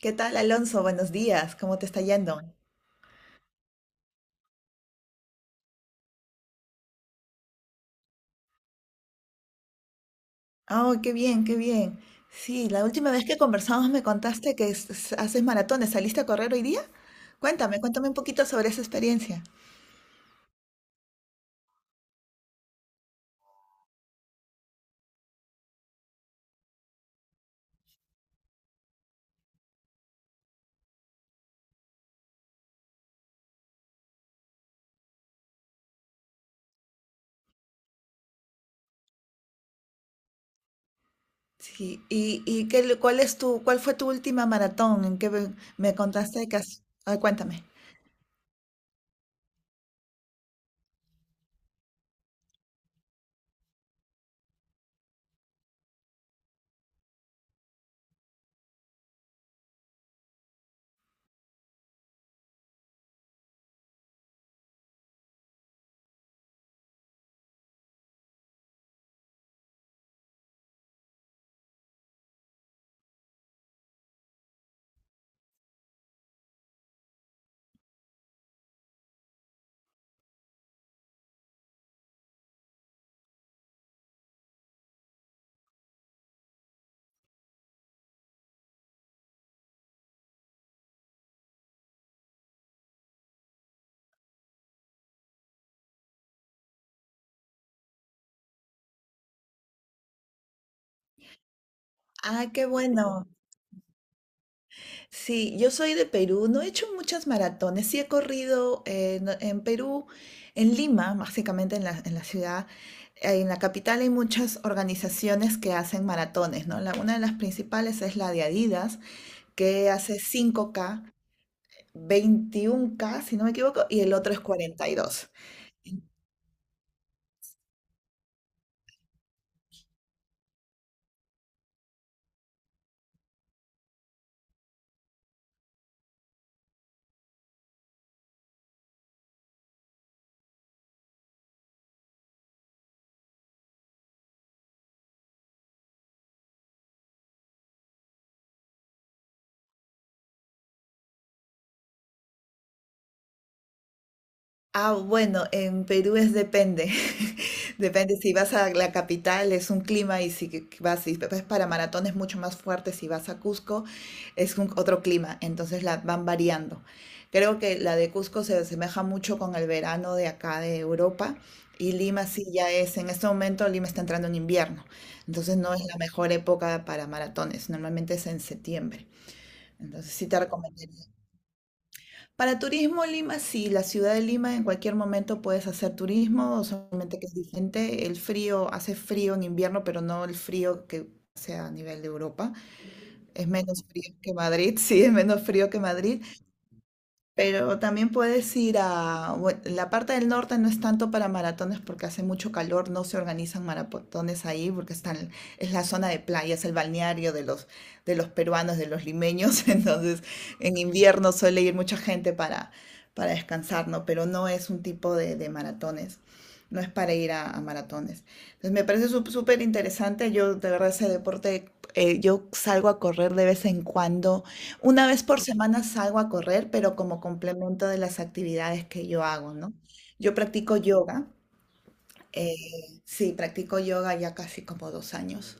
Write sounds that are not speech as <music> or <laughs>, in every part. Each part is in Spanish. ¿Qué tal, Alonso? Buenos días. ¿Cómo te está yendo? Oh, qué bien, qué bien. Sí, la última vez que conversamos me contaste que haces maratones. ¿Saliste a correr hoy día? Cuéntame un poquito sobre esa experiencia. Sí, qué, ¿cuál fue tu última maratón? Me contaste que has, ah, cuéntame. Ah, qué bueno. Sí, yo soy de Perú, no he hecho muchas maratones, sí he corrido, en Perú, en Lima, básicamente en en la ciudad, en la capital hay muchas organizaciones que hacen maratones, ¿no? Una de las principales es la de Adidas, que hace 5K, 21K si no me equivoco, y el otro es 42. Ah, bueno, en Perú es depende. <laughs> Depende si vas a la capital es un clima, y si que vas, si vas para maratón es mucho más fuerte, si vas a Cusco es otro clima, entonces la van variando. Creo que la de Cusco se asemeja mucho con el verano de acá de Europa, y Lima sí ya es, en este momento Lima está entrando en invierno, entonces no es la mejor época para maratones, normalmente es en septiembre. Entonces sí te recomendaría. Para turismo Lima, sí, la ciudad de Lima en cualquier momento puedes hacer turismo, solamente que es diferente. El frío, hace frío en invierno, pero no el frío que sea a nivel de Europa. Es menos frío que Madrid, <laughs> sí, es menos frío que Madrid. Pero también puedes ir a, bueno, la parte del norte no es tanto para maratones porque hace mucho calor, no se organizan maratones ahí porque están, es la zona de playa, es el balneario de los peruanos, de los limeños, <laughs> entonces en invierno suele ir mucha gente para, descansar, ¿no? Pero no es un tipo de maratones, no es para ir a maratones. Entonces me parece súper interesante, yo de verdad ese deporte, yo salgo a correr de vez en cuando, una vez por semana salgo a correr, pero como complemento de las actividades que yo hago, ¿no? Yo practico yoga, eh, sí, practico yoga ya casi como 2 años.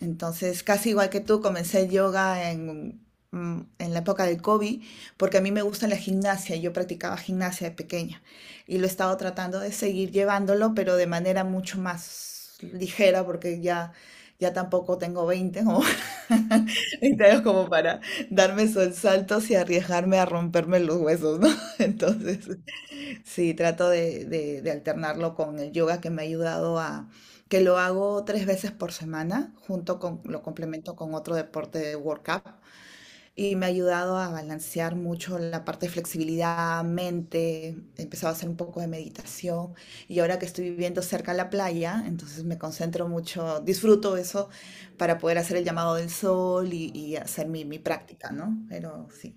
Entonces, casi igual que tú, comencé yoga en, en la época del COVID, porque a mí me gusta la gimnasia, yo practicaba gimnasia de pequeña, y lo he estado tratando de seguir llevándolo, pero de manera mucho más ligera, porque ya, ya tampoco tengo 20 como, <laughs> 20 años, como para darme esos saltos y arriesgarme a romperme los huesos, ¿no? <laughs> Entonces, sí, trato de alternarlo con el yoga, que me ha ayudado a, que lo hago tres veces por semana, junto con, lo complemento con otro deporte de workout, y me ha ayudado a balancear mucho la parte de flexibilidad, mente, he empezado a hacer un poco de meditación, y ahora que estoy viviendo cerca de la playa, entonces me concentro mucho, disfruto eso para poder hacer el llamado del sol, hacer mi práctica, ¿no? Pero sí.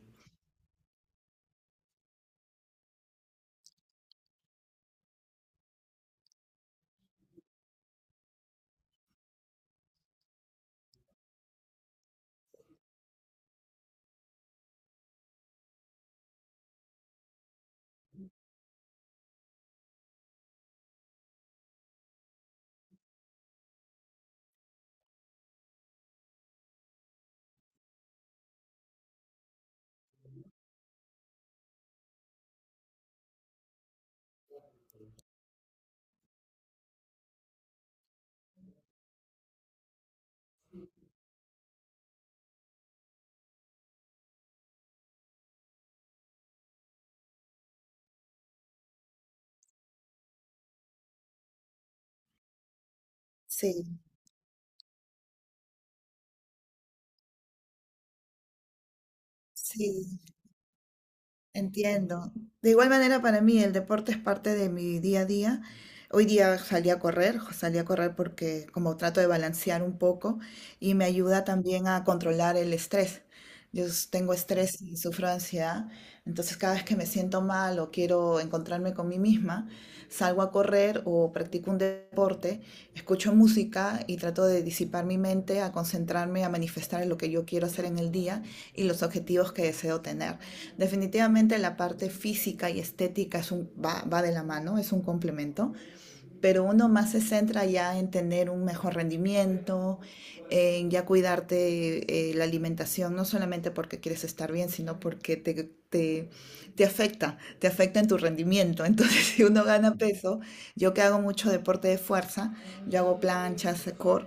Sí, sí. Entiendo. De igual manera, para mí el deporte es parte de mi día a día. Hoy día salí a correr, porque como trato de balancear un poco, y me ayuda también a controlar el estrés. Yo tengo estrés y sufro de ansiedad, entonces cada vez que me siento mal o quiero encontrarme con mí misma, salgo a correr o practico un deporte, escucho música y trato de disipar mi mente, a concentrarme, a manifestar en lo que yo quiero hacer en el día, y los objetivos que deseo tener. Definitivamente la parte física y estética es va de la mano, es un complemento, pero uno más se centra ya en tener un mejor rendimiento, en ya cuidarte, la alimentación, no solamente porque quieres estar bien, sino porque te afecta en tu rendimiento. Entonces, <laughs> si uno gana peso, yo que hago mucho deporte de fuerza, yo hago planchas, core,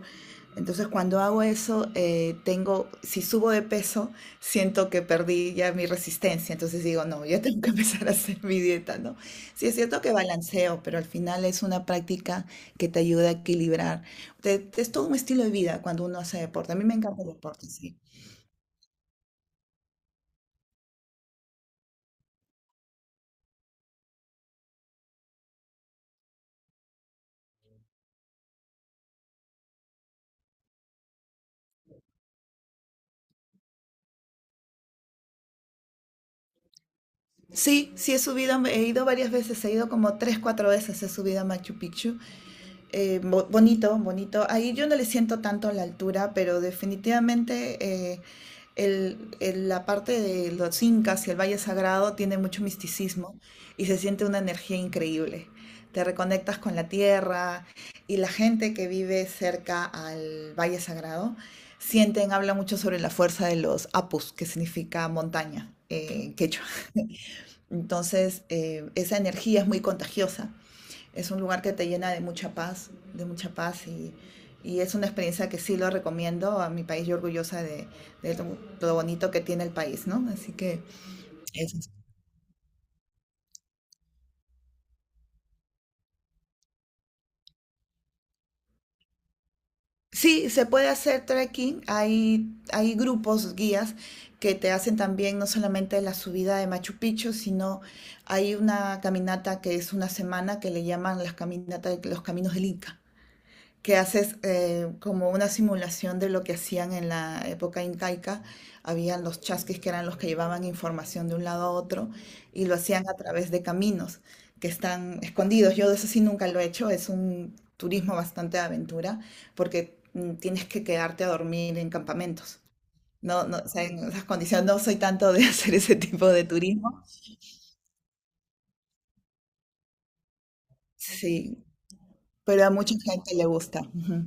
entonces cuando hago eso, tengo, si subo de peso, siento que perdí ya mi resistencia. Entonces digo, no, ya tengo que empezar a hacer mi dieta, ¿no? Sí, es cierto que balanceo, pero al final es una práctica que te ayuda a equilibrar. Es todo un estilo de vida cuando uno hace deporte. A mí me encanta el deporte, sí. Sí, sí he subido, he ido varias veces, he ido como tres, cuatro veces, he subido a Machu Picchu. Bonito, bonito. Ahí yo no le siento tanto la altura, pero definitivamente, eh, la parte de los incas y el Valle Sagrado tiene mucho misticismo, y se siente una energía increíble. Te reconectas con la tierra, y la gente que vive cerca al Valle Sagrado sienten, habla mucho sobre la fuerza de los apus, que significa montaña, en quechua. Entonces, esa energía es muy contagiosa. Es un lugar que te llena de mucha paz, de mucha paz, es una experiencia que sí lo recomiendo a mi país. Yo orgullosa de lo bonito que tiene el país, ¿no? Así que eso. Sí, se puede hacer trekking. Hay grupos, guías que te hacen también, no solamente la subida de Machu Picchu, sino hay una caminata que es una semana, que le llaman las caminatas, los caminos del Inca. Que haces, como una simulación de lo que hacían en la época incaica. Habían los chasquis, que eran los que llevaban información de un lado a otro, y lo hacían a través de caminos que están escondidos. Yo de eso sí nunca lo he hecho, es un turismo bastante de aventura porque, tienes que quedarte a dormir en campamentos. No, no, o sea, en esas condiciones no soy tanto de <laughs> hacer ese tipo de turismo. Sí, pero a mucha gente le gusta. Ujú.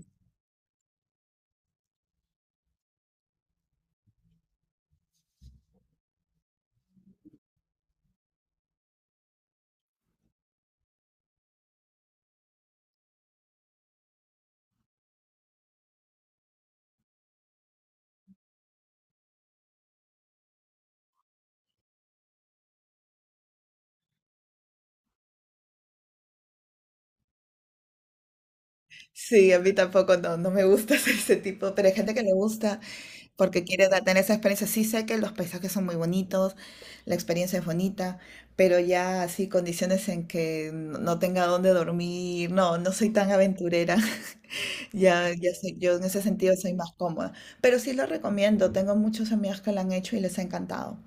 Sí, a mí tampoco, no, no me gusta <laughs> hacer ese tipo, pero hay gente que le gusta. Porque quiero tener esa experiencia. Sí sé que los paisajes son muy bonitos, la experiencia es bonita, pero ya así, condiciones en que no tenga dónde dormir, no, no soy tan aventurera. <laughs> Ya, ya sé, yo en ese sentido soy más cómoda, pero sí lo recomiendo. Tengo muchos amigos que lo han hecho y les ha encantado.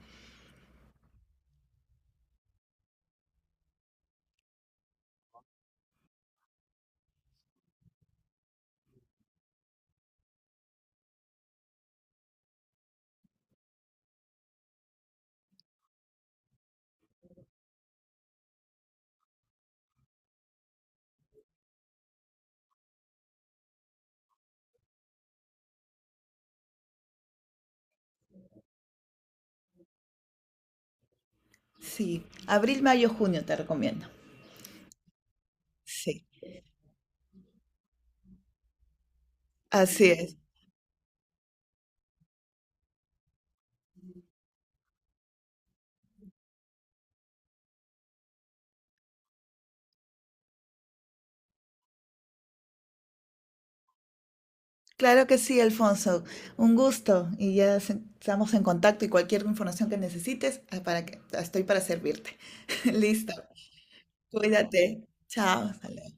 Sí, abril, mayo, junio te recomiendo. Sí, así es. Claro que sí, Alfonso. Un gusto, y ya estamos en contacto, y cualquier información que necesites, ah, estoy para servirte. <laughs> Listo. Cuídate. Chao. Hasta luego.